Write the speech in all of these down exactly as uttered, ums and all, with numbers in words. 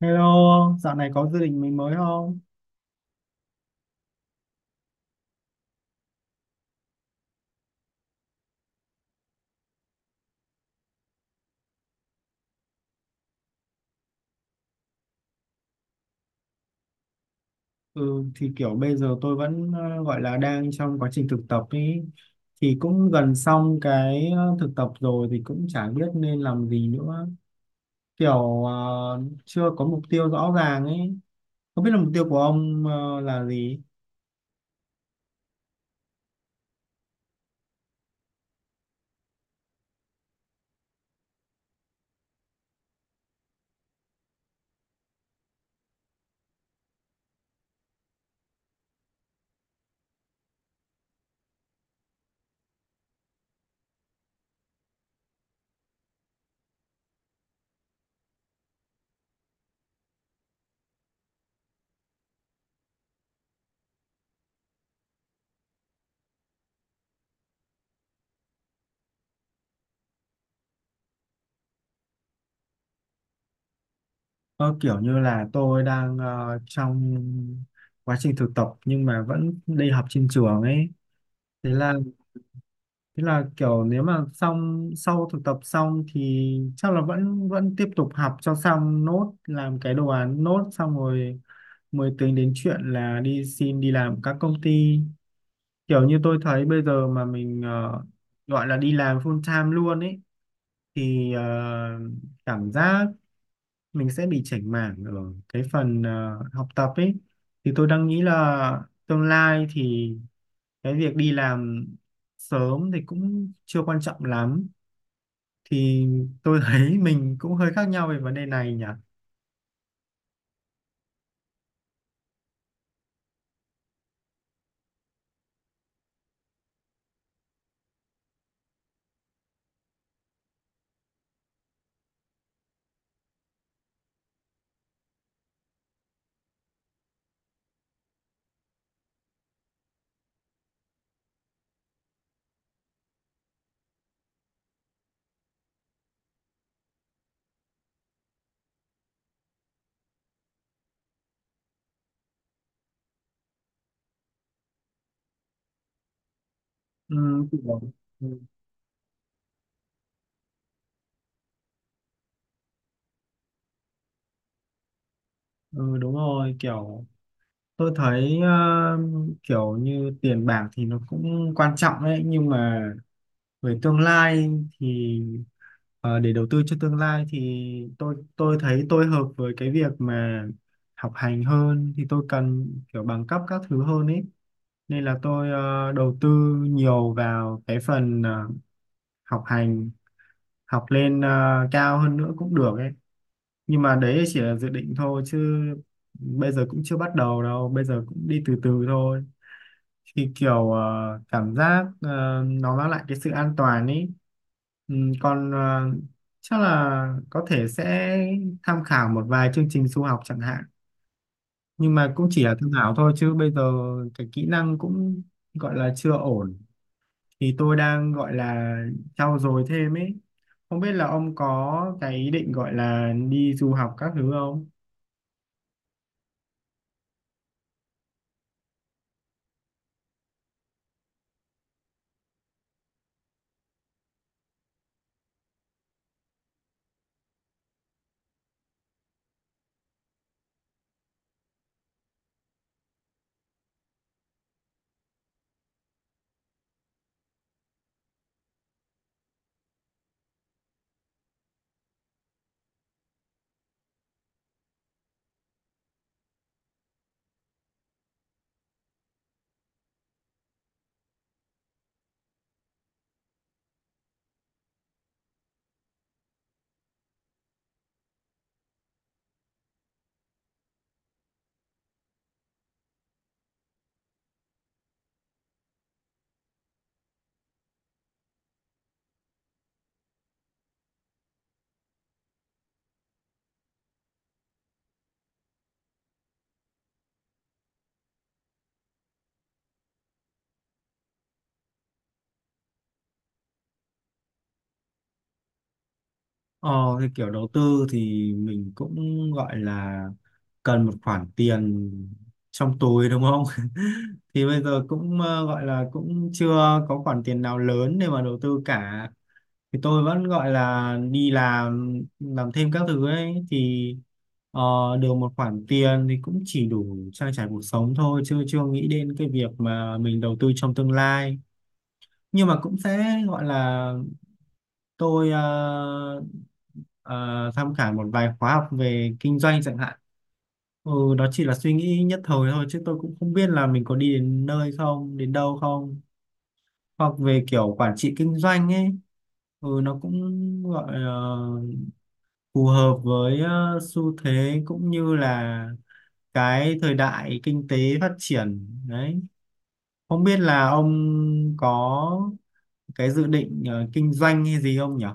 Hello, dạo này có gia đình mình mới không? Ừ, thì kiểu bây giờ tôi vẫn ờ, gọi là đang trong quá trình thực tập ý. Thì cũng gần xong cái ờ, thực tập rồi thì cũng chả biết nên làm gì nữa. Kiểu ờ, chưa có mục tiêu rõ ràng ấy. Không biết là mục tiêu của ông ờ, là gì? Ờ, kiểu như là tôi đang ờ, trong quá trình thực tập nhưng mà vẫn đi học trên trường ấy. Thế là Thế là kiểu nếu mà xong sau thực tập xong thì chắc là vẫn vẫn tiếp tục học cho xong nốt làm cái đồ án nốt xong rồi mới tính đến chuyện là đi xin đi làm các công ty, kiểu như tôi thấy bây giờ mà mình ờ, gọi là đi làm full time luôn ấy thì ờ, cảm giác mình sẽ bị chểnh mảng ở cái phần ờ, học tập ấy, thì tôi đang nghĩ là tương lai thì cái việc đi làm sớm thì cũng chưa quan trọng lắm. Thì tôi thấy mình cũng hơi khác nhau về vấn đề này nhỉ. ừ, kiểu, ừ, ừ, đúng rồi, kiểu tôi thấy ờ, kiểu như tiền bạc thì nó cũng quan trọng đấy nhưng mà về tương lai thì ờ, để đầu tư cho tương lai thì tôi tôi thấy tôi hợp với cái việc mà học hành hơn, thì tôi cần kiểu bằng cấp các thứ hơn ấy, nên là tôi ờ, đầu tư nhiều vào cái phần ờ, học hành, học lên ờ, cao hơn nữa cũng được ấy. Nhưng mà đấy chỉ là dự định thôi chứ bây giờ cũng chưa bắt đầu đâu, bây giờ cũng đi từ từ thôi, thì kiểu ờ, cảm giác ờ, nó mang lại cái sự an toàn ấy. Ừ, còn ờ, chắc là có thể sẽ tham khảo một vài chương trình du học chẳng hạn, nhưng mà cũng chỉ là tham khảo thôi chứ bây giờ cái kỹ năng cũng gọi là chưa ổn, thì tôi đang gọi là trau dồi thêm ấy. Không biết là ông có cái ý định gọi là đi du học các thứ không? Ờ, thì kiểu đầu tư thì mình cũng gọi là cần một khoản tiền trong túi đúng không? Thì bây giờ cũng ờ, gọi là cũng chưa có khoản tiền nào lớn để mà đầu tư cả. Thì tôi vẫn gọi là đi làm làm thêm các thứ ấy, thì ờ, được một khoản tiền thì cũng chỉ đủ trang trải cuộc sống thôi, chưa chưa nghĩ đến cái việc mà mình đầu tư trong tương lai. Nhưng mà cũng sẽ gọi là tôi ờ, ờ, tham khảo một vài khóa học về kinh doanh chẳng hạn. Ừ, đó chỉ là suy nghĩ nhất thời thôi chứ tôi cũng không biết là mình có đi đến nơi không, đến đâu không. Hoặc về kiểu quản trị kinh doanh ấy, ừ, nó cũng gọi là phù hợp với ờ, xu thế cũng như là cái thời đại kinh tế phát triển đấy. Không biết là ông có cái dự định ờ, kinh doanh hay gì không nhỉ?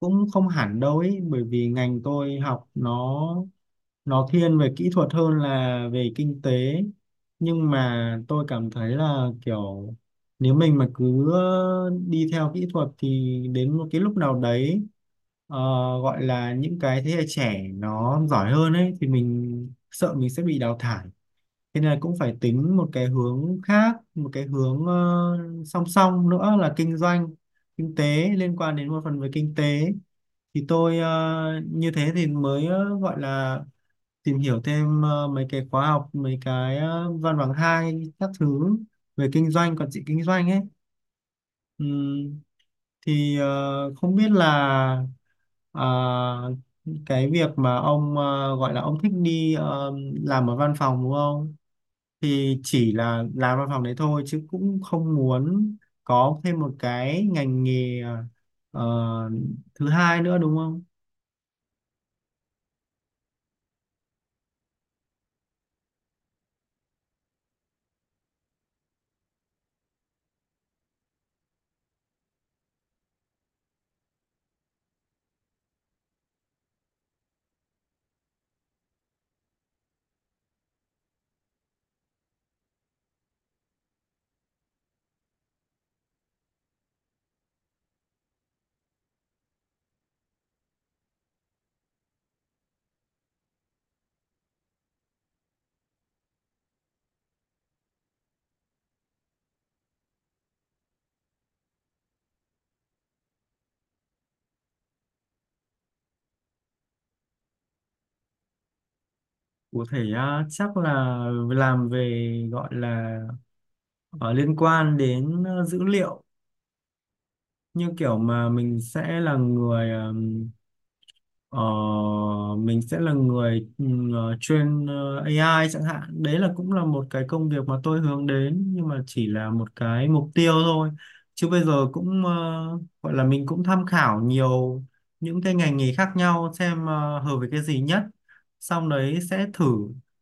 Cũng không hẳn đâu ấy, bởi vì ngành tôi học nó nó thiên về kỹ thuật hơn là về kinh tế, nhưng mà tôi cảm thấy là kiểu nếu mình mà cứ đi theo kỹ thuật thì đến một cái lúc nào đấy ờ, gọi là những cái thế hệ trẻ nó giỏi hơn ấy, thì mình sợ mình sẽ bị đào thải. Thế nên là cũng phải tính một cái hướng khác, một cái hướng ờ, song song nữa là kinh doanh, kinh tế, liên quan đến một phần về kinh tế. Thì tôi ờ, như thế thì mới ờ, gọi là tìm hiểu thêm ờ, mấy cái khóa học, mấy cái ờ, văn bằng hai các thứ về kinh doanh, quản trị kinh doanh ấy. Ừm, thì ờ, không biết là ờ, cái việc mà ông ờ, gọi là ông thích đi ờ, làm ở văn phòng đúng không? Thì chỉ là làm văn phòng đấy thôi chứ cũng không muốn có thêm một cái ngành nghề ờ, thứ hai nữa đúng không? Có thể à, chắc là làm về gọi là ờ, liên quan đến ờ, dữ liệu, như kiểu mà mình sẽ là người ờ, Ờ, mình sẽ là người ừ, ờ, train ờ, A I chẳng hạn, đấy là cũng là một cái công việc mà tôi hướng đến, nhưng mà chỉ là một cái mục tiêu thôi chứ bây giờ cũng ờ, gọi là mình cũng tham khảo nhiều những cái ngành nghề khác nhau xem ờ, hợp với cái gì nhất, xong đấy sẽ thử.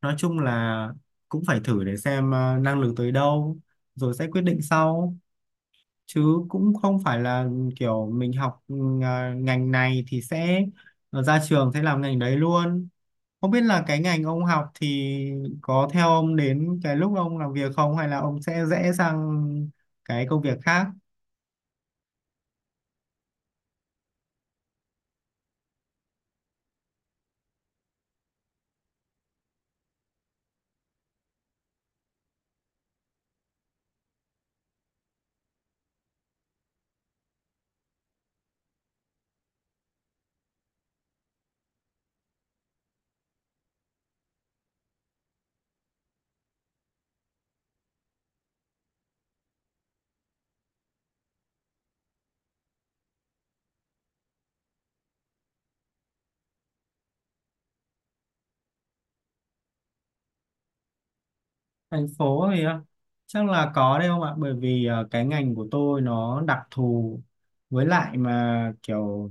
Nói chung là cũng phải thử để xem ờ, năng lực tới đâu rồi sẽ quyết định sau, chứ cũng không phải là kiểu mình học ừ, à, ngành này thì sẽ ra trường sẽ làm ngành đấy luôn. Không biết là cái ngành ông học thì có theo ông đến cái lúc ông làm việc không, hay là ông sẽ rẽ sang cái công việc khác? Thành phố thì à, chắc là có đấy không ạ, bởi vì à, cái ngành của tôi nó đặc thù, với lại mà kiểu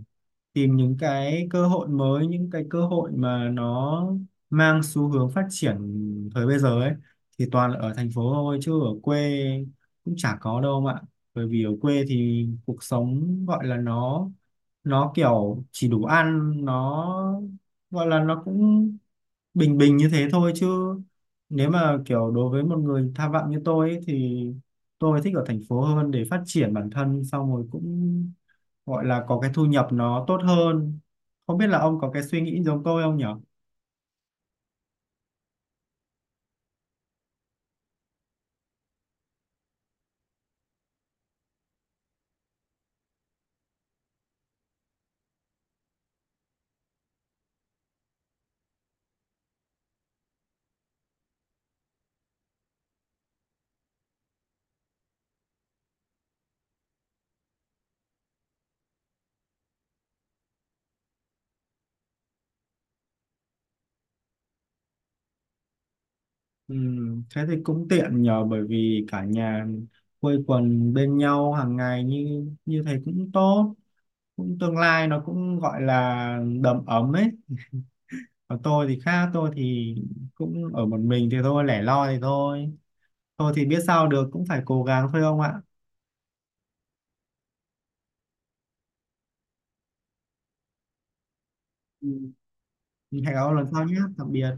tìm những cái cơ hội mới, những cái cơ hội mà nó mang xu hướng phát triển thời bây giờ ấy, thì toàn là ở thành phố thôi chứ ở quê cũng chả có đâu mà. Bởi vì ở quê thì cuộc sống gọi là nó nó kiểu chỉ đủ ăn, nó gọi là nó cũng bình bình như thế thôi chứ nếu mà kiểu đối với một người tham vọng như tôi ấy, thì tôi thích ở thành phố hơn để phát triển bản thân, xong rồi cũng gọi là có cái thu nhập nó tốt hơn. Không biết là ông có cái suy nghĩ giống tôi không nhở? Ừ, thế thì cũng tiện nhờ, bởi vì cả nhà quây quần bên nhau hàng ngày như như thế cũng tốt, cũng tương lai nó cũng gọi là đầm ấm ấy. Còn tôi thì khác, tôi thì cũng ở một mình thì thôi, lẻ loi thì thôi, tôi thì biết sao được, cũng phải cố gắng thôi ông ạ. Ừ. Hẹn gặp ông lần sau nhé, tạm biệt.